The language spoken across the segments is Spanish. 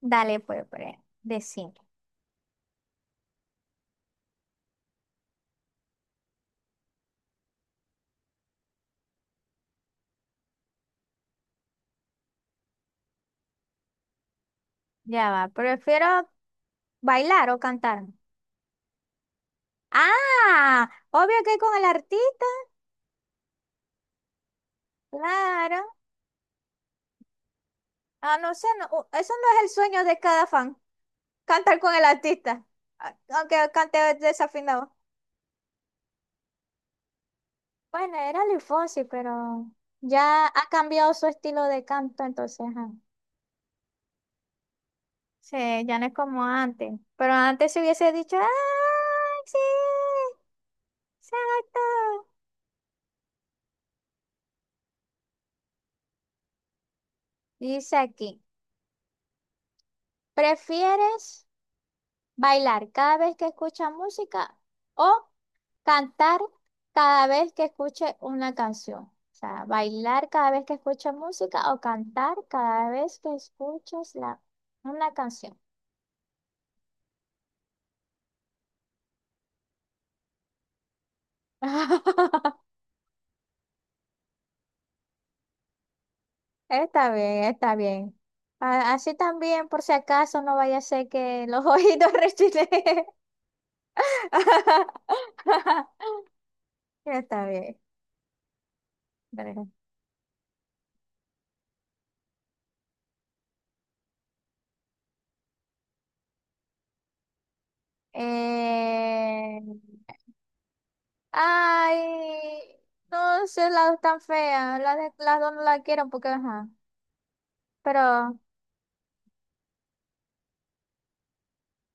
Dale, pues, decime. Ya va. ¿Prefiero bailar o cantar? Ah, obvio que con el artista, claro. Ah, no sé, no, eso no es el sueño de cada fan, cantar con el artista, aunque cante desafinado. Bueno, era Luis Fonsi, pero ya ha cambiado su estilo de canto, entonces, ajá. Sí, ya no es como antes. Pero antes se hubiese dicho, ¡ay, sí! ¡Exacto! Dice aquí, ¿prefieres? Bailar cada vez que escucha música o cantar cada vez que escuche una canción. O sea, bailar cada vez que escucha música o cantar cada vez que escuches la, una canción. Está bien, está bien. Así también, por si acaso, no vaya a ser que los ojitos rechileen. Está bien. Pero, Eh, ay, no sé, las dos tan feas. Las dos no la quiero porque, ajá. Pero,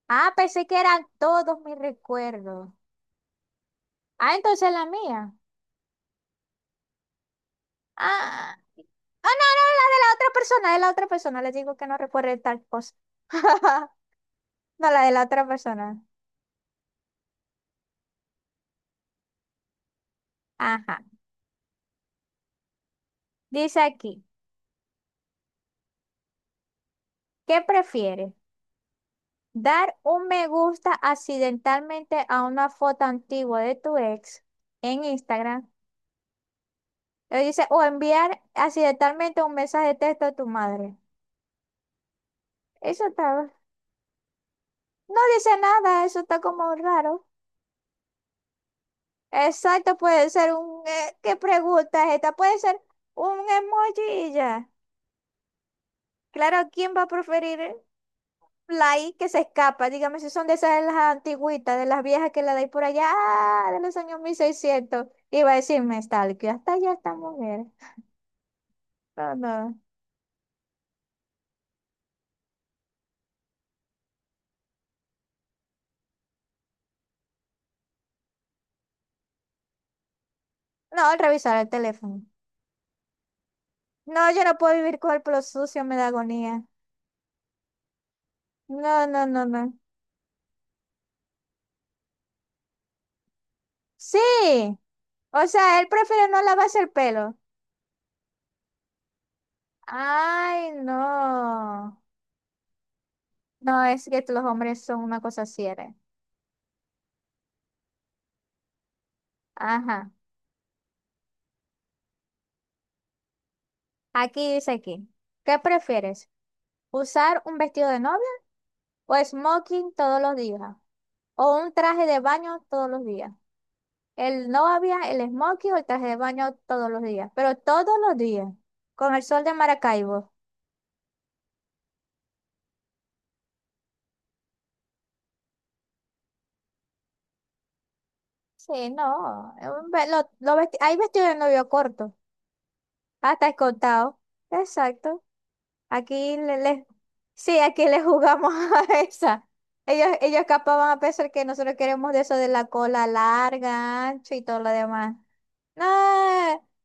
ah, pensé que eran todos mis recuerdos. Ah, entonces la mía. Ah, no, no, la de la otra persona, de la otra persona. Les digo que no recuerde tal cosa. No, la de la otra persona. Ajá. Dice aquí, ¿qué prefieres? ¿Dar un me gusta accidentalmente a una foto antigua de tu ex en Instagram? Dice, o enviar accidentalmente un mensaje de texto a tu madre. Eso está. No dice nada, eso está como raro. Exacto, puede ser un, ¿qué pregunta es esta? Puede ser un emoji y ya. Claro, ¿quién va a preferir la I que se escapa? Dígame si son de esas de las antigüitas, de las viejas que la dais por allá, ah, de los años 1600. Iba a decirme, tal, que hasta allá esta mujer. No, no. No, al revisar el teléfono. No, yo no puedo vivir con el pelo sucio, me da agonía. No, no, no, no. Sí. O sea, él prefiere no lavarse el pelo. Ay, no. No, es que los hombres son una cosa cierta. Ajá. Aquí dice aquí. ¿Qué prefieres? ¿Usar un vestido de novia o smoking todos los días? ¿O un traje de baño todos los días? El novia, el smoking o el traje de baño todos los días. Pero todos los días. Con el sol de Maracaibo. Sí, no. Un ve- lo vesti- Hay vestido de novio corto. Ah, está escoltado. Exacto. Aquí le, le- sí, aquí le jugamos a esa. Ellos capaz van a pensar que nosotros queremos de eso de la cola larga, ancho y todo lo demás. No,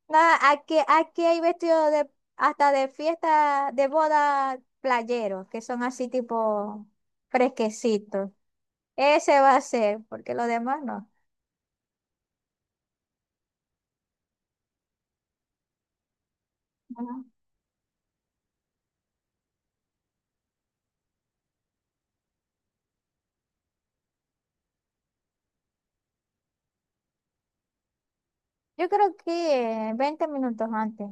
no, aquí hay vestidos de, hasta de fiesta, de boda playeros, que son así tipo fresquecitos. Ese va a ser, porque lo demás no. Ujú. Yo creo que 20 minutos antes.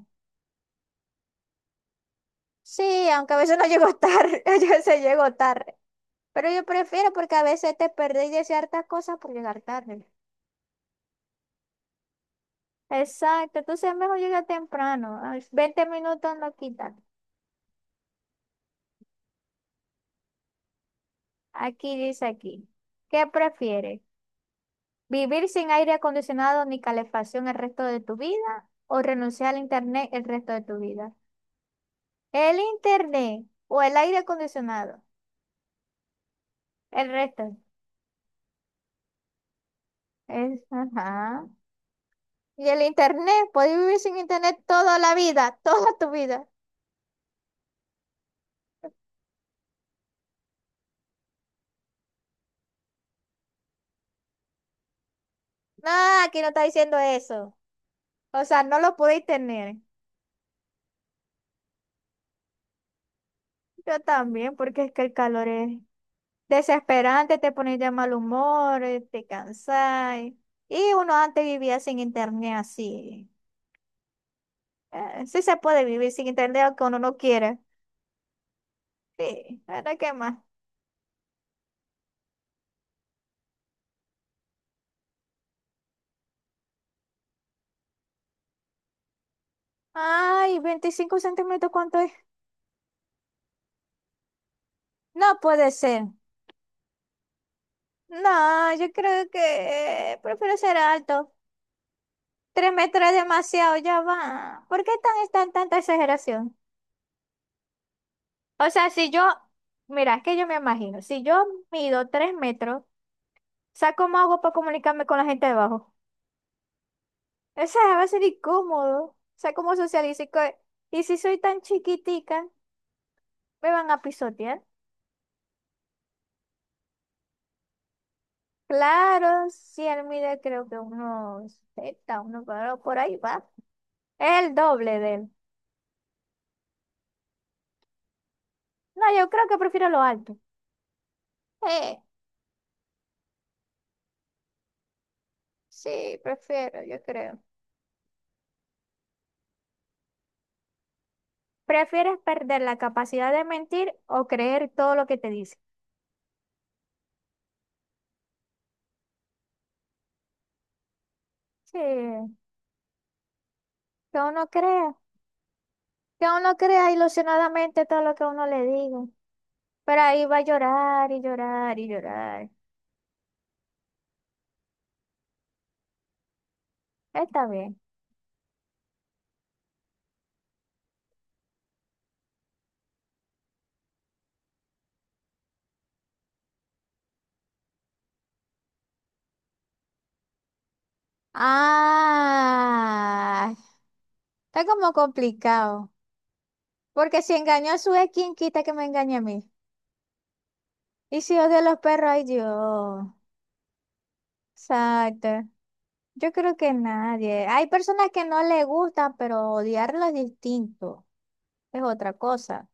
Sí, aunque a veces no llego tarde, a veces llego tarde. Pero yo prefiero porque a veces te perdés de ciertas cosas por llegar tarde. Exacto, entonces es mejor llegar temprano. A los minutos no quitan. Aquí dice aquí. ¿Qué prefieres? ¿Vivir sin aire acondicionado ni calefacción el resto de tu vida o renunciar al internet el resto de tu vida? ¿El internet o el aire acondicionado? El resto. Es, ajá. Y el internet, puedes vivir sin internet toda la vida, toda tu vida. No, aquí no está diciendo eso. O sea, no lo podéis tener. Yo también, porque es que el calor es desesperante, te pones de mal humor, te cansáis. Y uno antes vivía sin internet así. Sí se puede vivir sin internet aunque uno no quiere. Sí, ahora qué más. Ay, 25 centímetros, ¿cuánto es? No puede ser. No, yo creo que prefiero ser alto. Tres metros es demasiado, ya va. ¿Por qué tanta exageración? O sea, si yo, mira, es que yo me imagino, si yo mido 3 metros, o sea, ¿cómo hago para comunicarme con la gente debajo abajo? O sea, va a ser incómodo. O sea, ¿cómo socializo? Y si soy tan chiquitica, ¿me van a pisotear? Claro, si él mide creo que unos 70, uno pero por ahí va. Es el doble de él. No, yo creo que prefiero lo alto. Eh, sí, prefiero, yo creo. ¿Prefieres perder la capacidad de mentir o creer todo lo que te dice? Sí, uno crea, que uno crea ilusionadamente todo lo que uno le diga. Pero ahí va a llorar y llorar y llorar. Está bien. Ah, está como complicado. Porque si engañó a su ex, ¿quién quita que me engañe a mí? Y si odio a los perros, ay Dios. Exacto. Yo creo que nadie. Hay personas que no le gustan, pero odiarlo es distinto. Es otra cosa.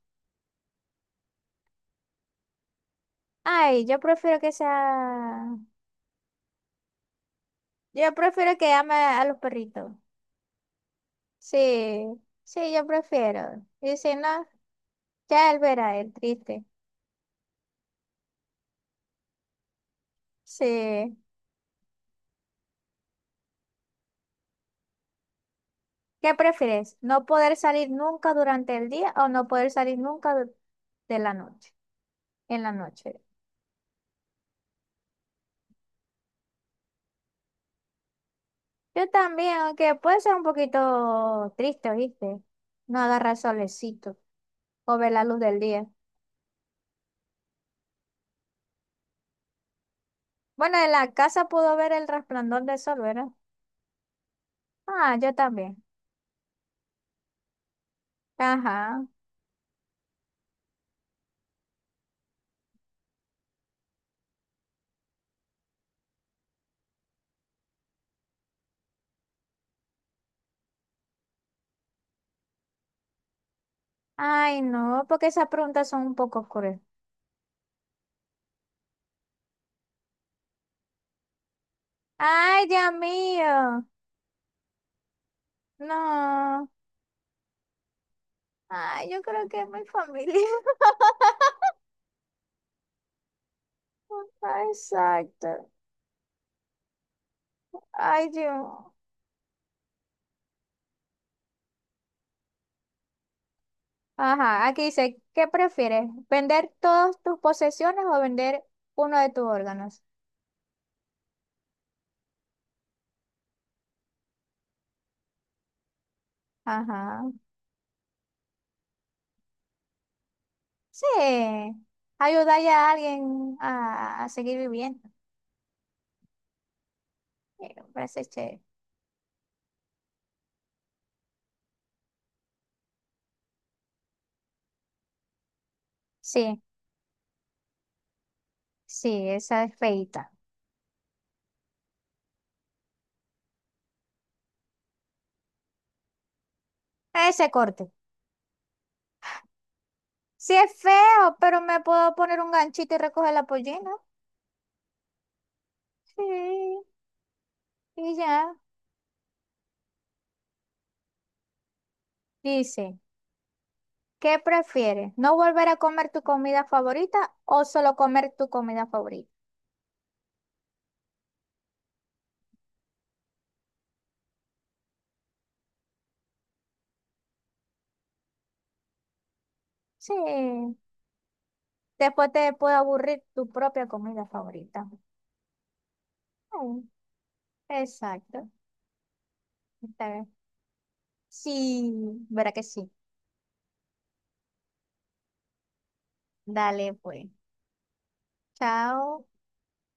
Ay, yo prefiero que sea. Yo prefiero que ame a los perritos. Sí, sí, yo prefiero. Y si no, ya él verá, el triste. Sí. ¿Qué prefieres? ¿No poder salir nunca durante el día o no poder salir nunca de la noche? En la noche. Yo también, aunque puede ser un poquito triste, ¿viste? No agarrar solecito o ver la luz del día. Bueno, en la casa puedo ver el resplandor del sol, ¿verdad? Ah, yo también. Ajá. Ay, no, porque esas preguntas son un poco crueles. Ay, Dios mío. No. Ay, yo creo que es mi familia. Ay, exacto. Ay, Dios. Ajá, aquí dice, ¿qué prefieres? ¿Vender todas tus posesiones o vender uno de tus órganos? Ajá. Sí. Ayudar ya a alguien a seguir viviendo. Sí, me parece chévere. Sí, sí, esa es feita. Ese corte. Sí es feo, pero me puedo poner un ganchito y recoger la pollina. Sí, y ya. Dice, ¿qué prefieres? ¿No volver a comer tu comida favorita o solo comer tu comida favorita? Sí, después te puede aburrir tu propia comida favorita. Mm, exacto. Está bien. Sí, verá que sí. Dale, pues. Chao.